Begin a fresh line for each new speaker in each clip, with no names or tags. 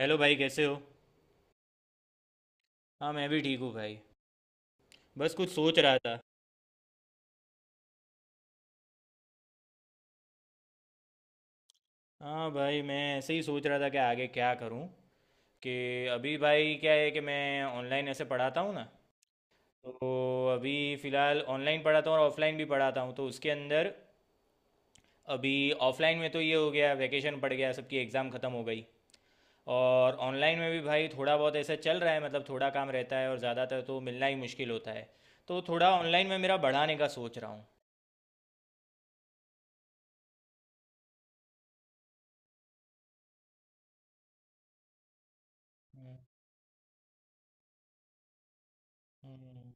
Hello भाई, कैसे हो? हाँ, मैं भी ठीक हूँ भाई। बस कुछ सोच रहा था। हाँ भाई, मैं ऐसे ही सोच रहा था कि आगे क्या करूँ कि अभी भाई क्या है कि मैं ऑनलाइन ऐसे पढ़ाता हूँ ना। तो अभी फ़िलहाल ऑनलाइन पढ़ाता हूँ और ऑफलाइन भी पढ़ाता हूँ, तो उसके अंदर अभी ऑफलाइन में तो ये हो गया, वैकेशन पड़ गया, सबकी एग्ज़ाम ख़त्म हो गई। और ऑनलाइन में भी भाई थोड़ा बहुत ऐसा चल रहा है, मतलब थोड़ा काम रहता है और ज़्यादातर तो मिलना ही मुश्किल होता है। तो थोड़ा ऑनलाइन में मेरा बढ़ाने का सोच रहा हूँ। हम्म, हम्म।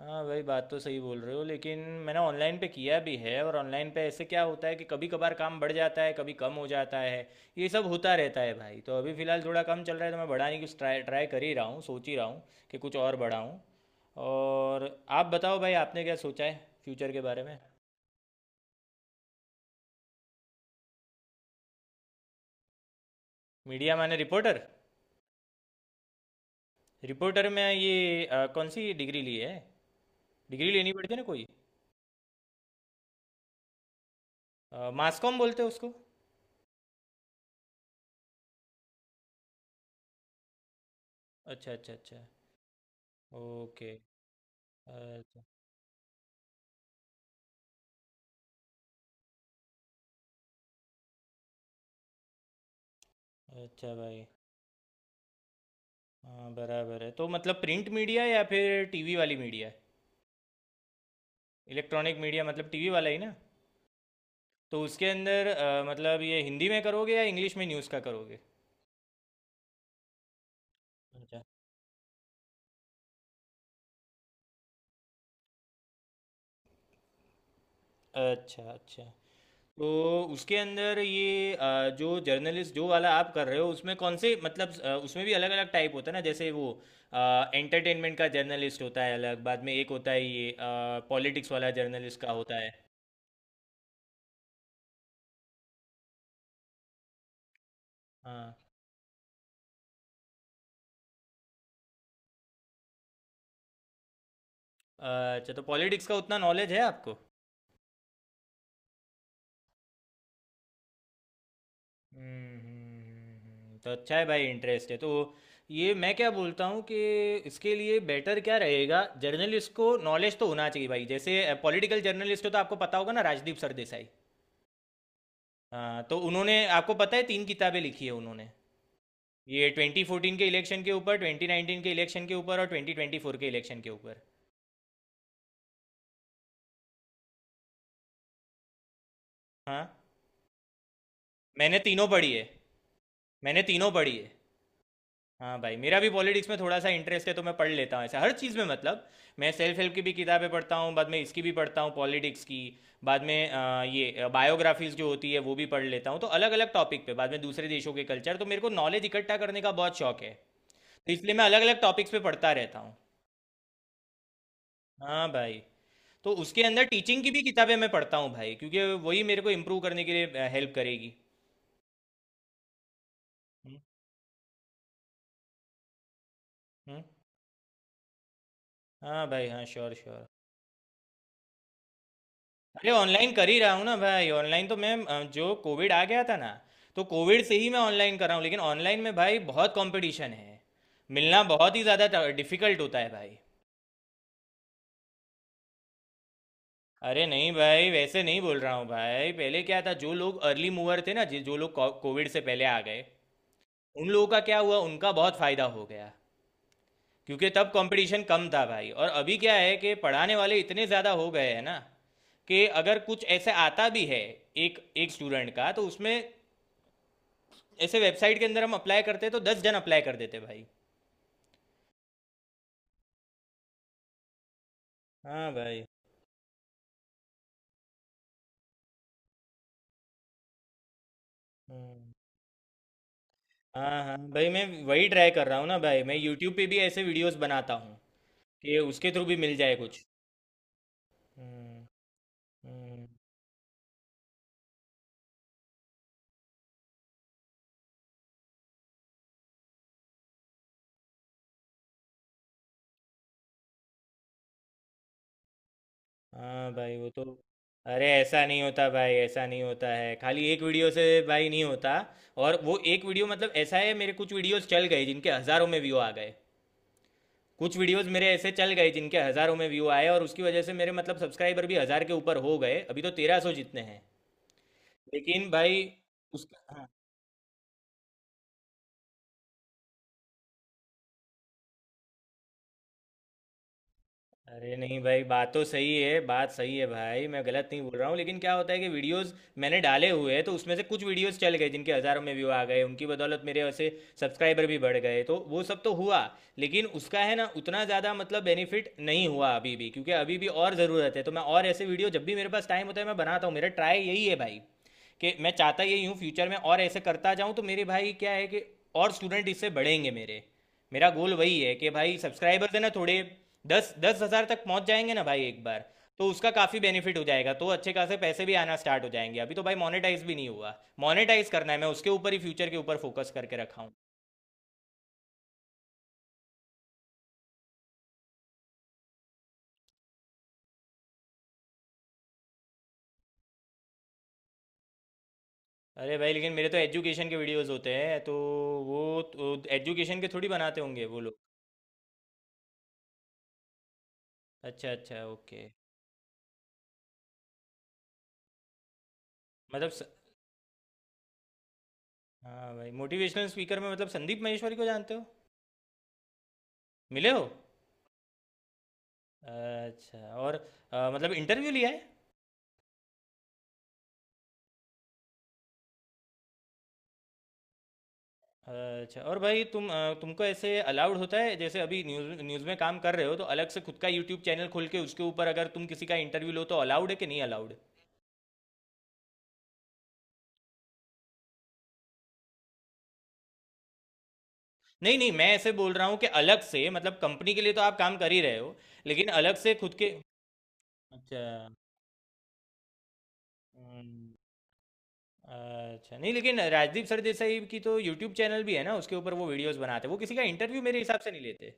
हाँ भाई, बात तो सही बोल रहे हो, लेकिन मैंने ऑनलाइन पे किया भी है, और ऑनलाइन पे ऐसे क्या होता है कि कभी कभार काम बढ़ जाता है, कभी कम हो जाता है। ये सब होता रहता है भाई। तो अभी फ़िलहाल थोड़ा कम चल रहा है, तो मैं बढ़ाने की ट्राई ट्राई कर ही रहा हूँ, सोच ही रहा हूँ कि कुछ और बढ़ाऊँ। और आप बताओ भाई, आपने क्या सोचा है फ्यूचर के बारे में? मीडिया माने रिपोर्टर? रिपोर्टर में ये कौन सी डिग्री ली है? डिग्री लेनी पड़ती है ना कोई? मास कॉम बोलते हैं उसको। अच्छा अच्छा अच्छा। ओके। अच्छा। अच्छा भाई। हाँ, बराबर है। तो मतलब प्रिंट मीडिया या फिर टीवी वाली मीडिया? इलेक्ट्रॉनिक मीडिया मतलब टीवी वाला ही ना? तो उसके अंदर मतलब ये हिंदी में करोगे या इंग्लिश में न्यूज़ का करोगे? अच्छा अच्छा अच्छा। तो उसके अंदर ये जो जर्नलिस्ट जो वाला आप कर रहे हो उसमें कौन से, मतलब उसमें भी अलग अलग टाइप होता है ना, जैसे वो एंटरटेनमेंट का जर्नलिस्ट होता है अलग, बाद में एक होता है ये पॉलिटिक्स वाला जर्नलिस्ट का होता है। हाँ। अच्छा, तो पॉलिटिक्स का उतना नॉलेज है आपको? तो अच्छा है भाई, इंटरेस्ट है तो। ये मैं क्या बोलता हूँ कि इसके लिए बेटर क्या रहेगा? जर्नलिस्ट को नॉलेज तो होना चाहिए भाई। जैसे पॉलिटिकल जर्नलिस्ट हो तो आपको पता होगा ना, राजदीप सरदेसाई। हाँ, तो उन्होंने, आपको पता है, तीन किताबें लिखी है उन्होंने। ये 2014 के इलेक्शन के ऊपर, 2019 के इलेक्शन के ऊपर, और 2024 के इलेक्शन के ऊपर। हाँ, मैंने तीनों पढ़ी है। मैंने तीनों पढ़ी है। हाँ भाई, मेरा भी पॉलिटिक्स में थोड़ा सा इंटरेस्ट है, तो मैं पढ़ लेता हूँ ऐसा हर चीज़ में। मतलब मैं सेल्फ हेल्प की भी किताबें पढ़ता हूँ, बाद में इसकी भी पढ़ता हूँ, पॉलिटिक्स की। बाद में ये बायोग्राफीज जो होती है वो भी पढ़ लेता हूँ, तो अलग अलग टॉपिक पे, बाद में दूसरे देशों के कल्चर, तो मेरे को नॉलेज इकट्ठा करने का बहुत शौक है। तो इसलिए मैं अलग अलग टॉपिक्स पे पढ़ता रहता हूँ। हाँ भाई। तो उसके अंदर टीचिंग की भी किताबें मैं पढ़ता हूँ भाई, क्योंकि वही मेरे को इम्प्रूव करने के लिए हेल्प करेगी। हम्म, हम्म। हाँ भाई हाँ, श्योर श्योर। अरे ऑनलाइन कर ही रहा हूँ ना भाई। ऑनलाइन तो मैं जो कोविड आ गया था ना, तो कोविड से ही मैं ऑनलाइन कर रहा हूँ, लेकिन ऑनलाइन में भाई बहुत कंपटीशन है। मिलना बहुत ही ज़्यादा डिफिकल्ट होता है भाई। अरे नहीं भाई, वैसे नहीं बोल रहा हूँ भाई। पहले क्या था, जो लोग अर्ली मूवर थे ना, जो लोग कोविड से पहले आ गए, उन लोगों का क्या हुआ, उनका बहुत फायदा हो गया, क्योंकि तब कंपटीशन कम था भाई। और अभी क्या है कि पढ़ाने वाले इतने ज़्यादा हो गए हैं ना, कि अगर कुछ ऐसे आता भी है एक एक स्टूडेंट का, तो उसमें ऐसे वेबसाइट के अंदर हम अप्लाई करते तो 10 जन अप्लाई कर देते भाई। हाँ भाई। हम्म। हाँ हाँ भाई, मैं वही ट्राई कर रहा हूँ ना भाई। मैं यूट्यूब पे भी ऐसे वीडियोस बनाता हूँ कि उसके थ्रू भी मिल जाए कुछ। हम्म हम्म। हाँ भाई वो तो। अरे ऐसा नहीं होता भाई, ऐसा नहीं होता है। खाली एक वीडियो से भाई नहीं होता। और वो एक वीडियो, मतलब ऐसा है, मेरे कुछ वीडियोस चल गए जिनके हज़ारों में व्यू आ गए। कुछ वीडियोस मेरे ऐसे चल गए जिनके हज़ारों में व्यू आए, और उसकी वजह से मेरे, मतलब सब्सक्राइबर भी हज़ार के ऊपर हो गए, अभी तो तेरह सौ जितने हैं। लेकिन भाई उसका, हाँ। अरे नहीं भाई, बात तो सही है, बात सही है भाई, मैं गलत नहीं बोल रहा हूँ। लेकिन क्या होता है कि वीडियोस मैंने डाले हुए हैं, तो उसमें से कुछ वीडियोस चल गए जिनके हज़ारों में व्यू आ गए, उनकी बदौलत मेरे ऐसे सब्सक्राइबर भी बढ़ गए, तो वो सब तो हुआ। लेकिन उसका है ना उतना ज़्यादा मतलब बेनिफिट नहीं हुआ अभी भी, क्योंकि अभी भी और ज़रूरत है। तो मैं और ऐसे वीडियो जब भी मेरे पास टाइम होता है, मैं बनाता हूँ। मेरा ट्राई यही है भाई, कि मैं चाहता यही हूँ फ्यूचर में और ऐसे करता जाऊँ, तो मेरे भाई क्या है कि और स्टूडेंट इससे बढ़ेंगे मेरे। मेरा गोल वही है कि भाई, सब्सक्राइबर्स है ना थोड़े, दस दस हज़ार तक पहुंच जाएंगे ना भाई एक बार, तो उसका काफ़ी बेनिफिट हो जाएगा, तो अच्छे खासे पैसे भी आना स्टार्ट हो जाएंगे। अभी तो भाई मोनेटाइज भी नहीं हुआ। मोनेटाइज करना है, मैं उसके ऊपर ही, फ्यूचर के ऊपर फोकस करके रखा हूँ। अरे भाई, लेकिन मेरे तो एजुकेशन के वीडियोस होते हैं, तो वो तो एजुकेशन के थोड़ी बनाते होंगे वो लोग। अच्छा अच्छा ओके। मतलब स... हाँ भाई, मोटिवेशनल स्पीकर में मतलब संदीप महेश्वरी को जानते हो? मिले हो? अच्छा, और मतलब इंटरव्यू लिया है? अच्छा, और भाई तुम तुमको ऐसे अलाउड होता है, जैसे अभी न्यूज़ न्यूज़ में काम कर रहे हो, तो अलग से खुद का यूट्यूब चैनल खोल के उसके ऊपर अगर तुम किसी का इंटरव्यू लो तो अलाउड है कि नहीं अलाउड? नहीं नहीं, मैं ऐसे बोल रहा हूँ कि अलग से। मतलब कंपनी के लिए तो आप काम कर ही रहे हो, लेकिन अलग से खुद के। अच्छा। हम्म, अच्छा, नहीं, लेकिन राजदीप सरदेसाई की तो यूट्यूब चैनल भी है ना, उसके ऊपर वो वीडियोस बनाते हैं। वो किसी का इंटरव्यू मेरे हिसाब से नहीं लेते।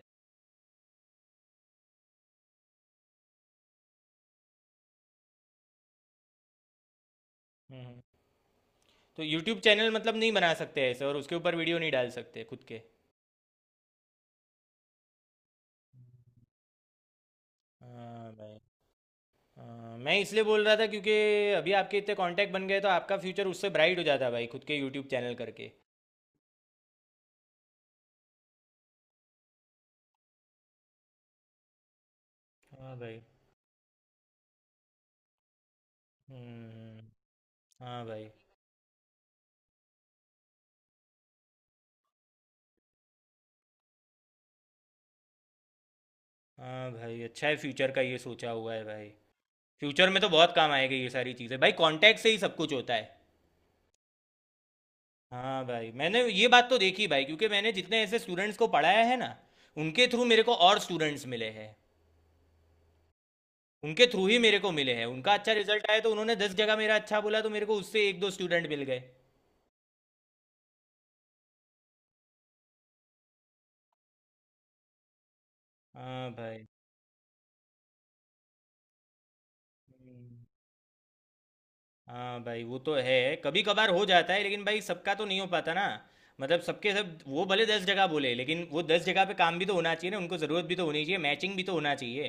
हम्म हम्म। तो यूट्यूब चैनल मतलब नहीं बना सकते ऐसे और उसके ऊपर वीडियो नहीं डाल सकते खुद के? हाँ भाई। अ, मैं इसलिए बोल रहा था क्योंकि अभी आपके इतने कांटेक्ट बन गए, तो आपका फ्यूचर उससे ब्राइट हो जाता भाई, खुद के यूट्यूब चैनल करके। हाँ भाई। हम्म। हाँ भाई। हाँ भाई, अच्छा है, फ्यूचर का ये सोचा हुआ है भाई। फ्यूचर में तो बहुत काम आएगी ये सारी चीज़ें भाई, कांटेक्ट से ही सब कुछ होता है। हाँ भाई, मैंने ये बात तो देखी भाई, क्योंकि मैंने जितने ऐसे स्टूडेंट्स को पढ़ाया है ना, उनके थ्रू मेरे को और स्टूडेंट्स मिले हैं। उनके थ्रू ही मेरे को मिले हैं। उनका अच्छा रिजल्ट आया तो उन्होंने 10 जगह मेरा अच्छा बोला, तो मेरे को उससे एक दो स्टूडेंट मिल गए। हाँ भाई। हम्म। हाँ भाई, वो तो है, कभी कभार हो जाता है, लेकिन भाई सबका तो नहीं हो पाता ना। मतलब सबके सब, वो भले 10 जगह बोले, लेकिन वो 10 जगह पे काम भी तो होना चाहिए ना, उनको ज़रूरत भी तो होनी चाहिए, मैचिंग भी तो होना चाहिए।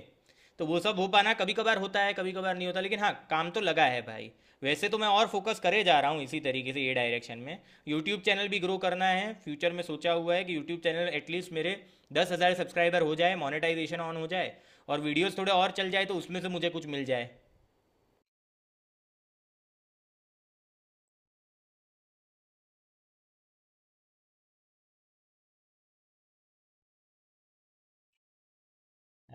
तो वो सब हो पाना कभी कभार होता है, कभी कभार नहीं होता, लेकिन हाँ, काम तो लगा है भाई। वैसे तो मैं और फोकस करे जा रहा हूँ इसी तरीके से, ये डायरेक्शन में। यूट्यूब चैनल भी ग्रो करना है फ्यूचर में, सोचा हुआ है कि यूट्यूब चैनल एटलीस्ट मेरे 10 हज़ार सब्सक्राइबर हो जाए, मोनेटाइजेशन ऑन हो जाए, और वीडियोस थोड़े और चल जाए, तो उसमें से मुझे कुछ मिल जाए।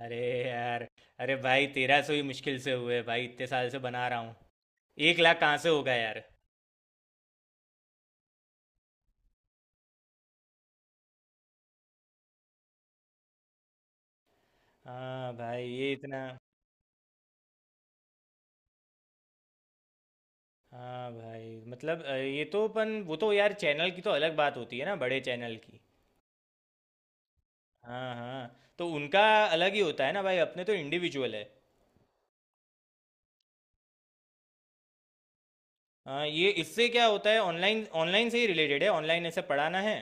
अरे यार। अरे भाई, 1,300 ही मुश्किल से हुए भाई, इतने साल से बना रहा हूँ। 1 लाख कहाँ से होगा यार? हाँ भाई, ये इतना। हाँ भाई, मतलब ये तो अपन, वो तो यार, चैनल की तो अलग बात होती है ना, बड़े चैनल की। हाँ हाँ, तो उनका अलग ही होता है ना भाई, अपने तो इंडिविजुअल है। हाँ, ये इससे क्या होता है, ऑनलाइन ऑनलाइन से ही रिलेटेड है, ऑनलाइन ऐसे पढ़ाना है,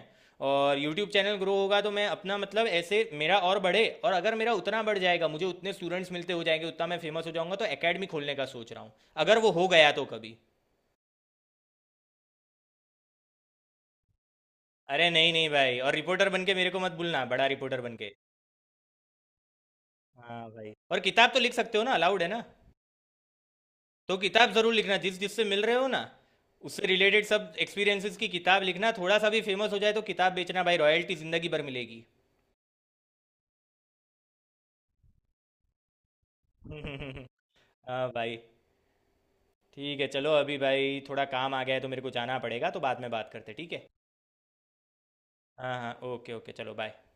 और यूट्यूब चैनल ग्रो होगा तो मैं अपना मतलब ऐसे मेरा और बढ़े। और अगर मेरा उतना बढ़ जाएगा, मुझे उतने स्टूडेंट्स मिलते हो जाएंगे, उतना मैं फेमस हो जाऊंगा, तो एकेडमी खोलने का सोच रहा हूँ। अगर वो हो गया तो कभी। अरे नहीं नहीं भाई, और रिपोर्टर बन के मेरे को मत भूलना, बड़ा रिपोर्टर बन के। हाँ भाई, और किताब तो लिख सकते हो ना, अलाउड है ना? तो किताब जरूर लिखना। जिससे मिल रहे हो ना, उससे रिलेटेड सब एक्सपीरियंसेस की किताब लिखना। थोड़ा सा भी फेमस हो जाए तो किताब बेचना भाई, रॉयल्टी जिंदगी भर मिलेगी। हाँ भाई। ठीक है चलो, अभी भाई थोड़ा काम आ गया है, तो मेरे को जाना पड़ेगा, तो बाद में बात करते हैं, ठीक है। हाँ हाँ, ओके ओके, चलो बाय।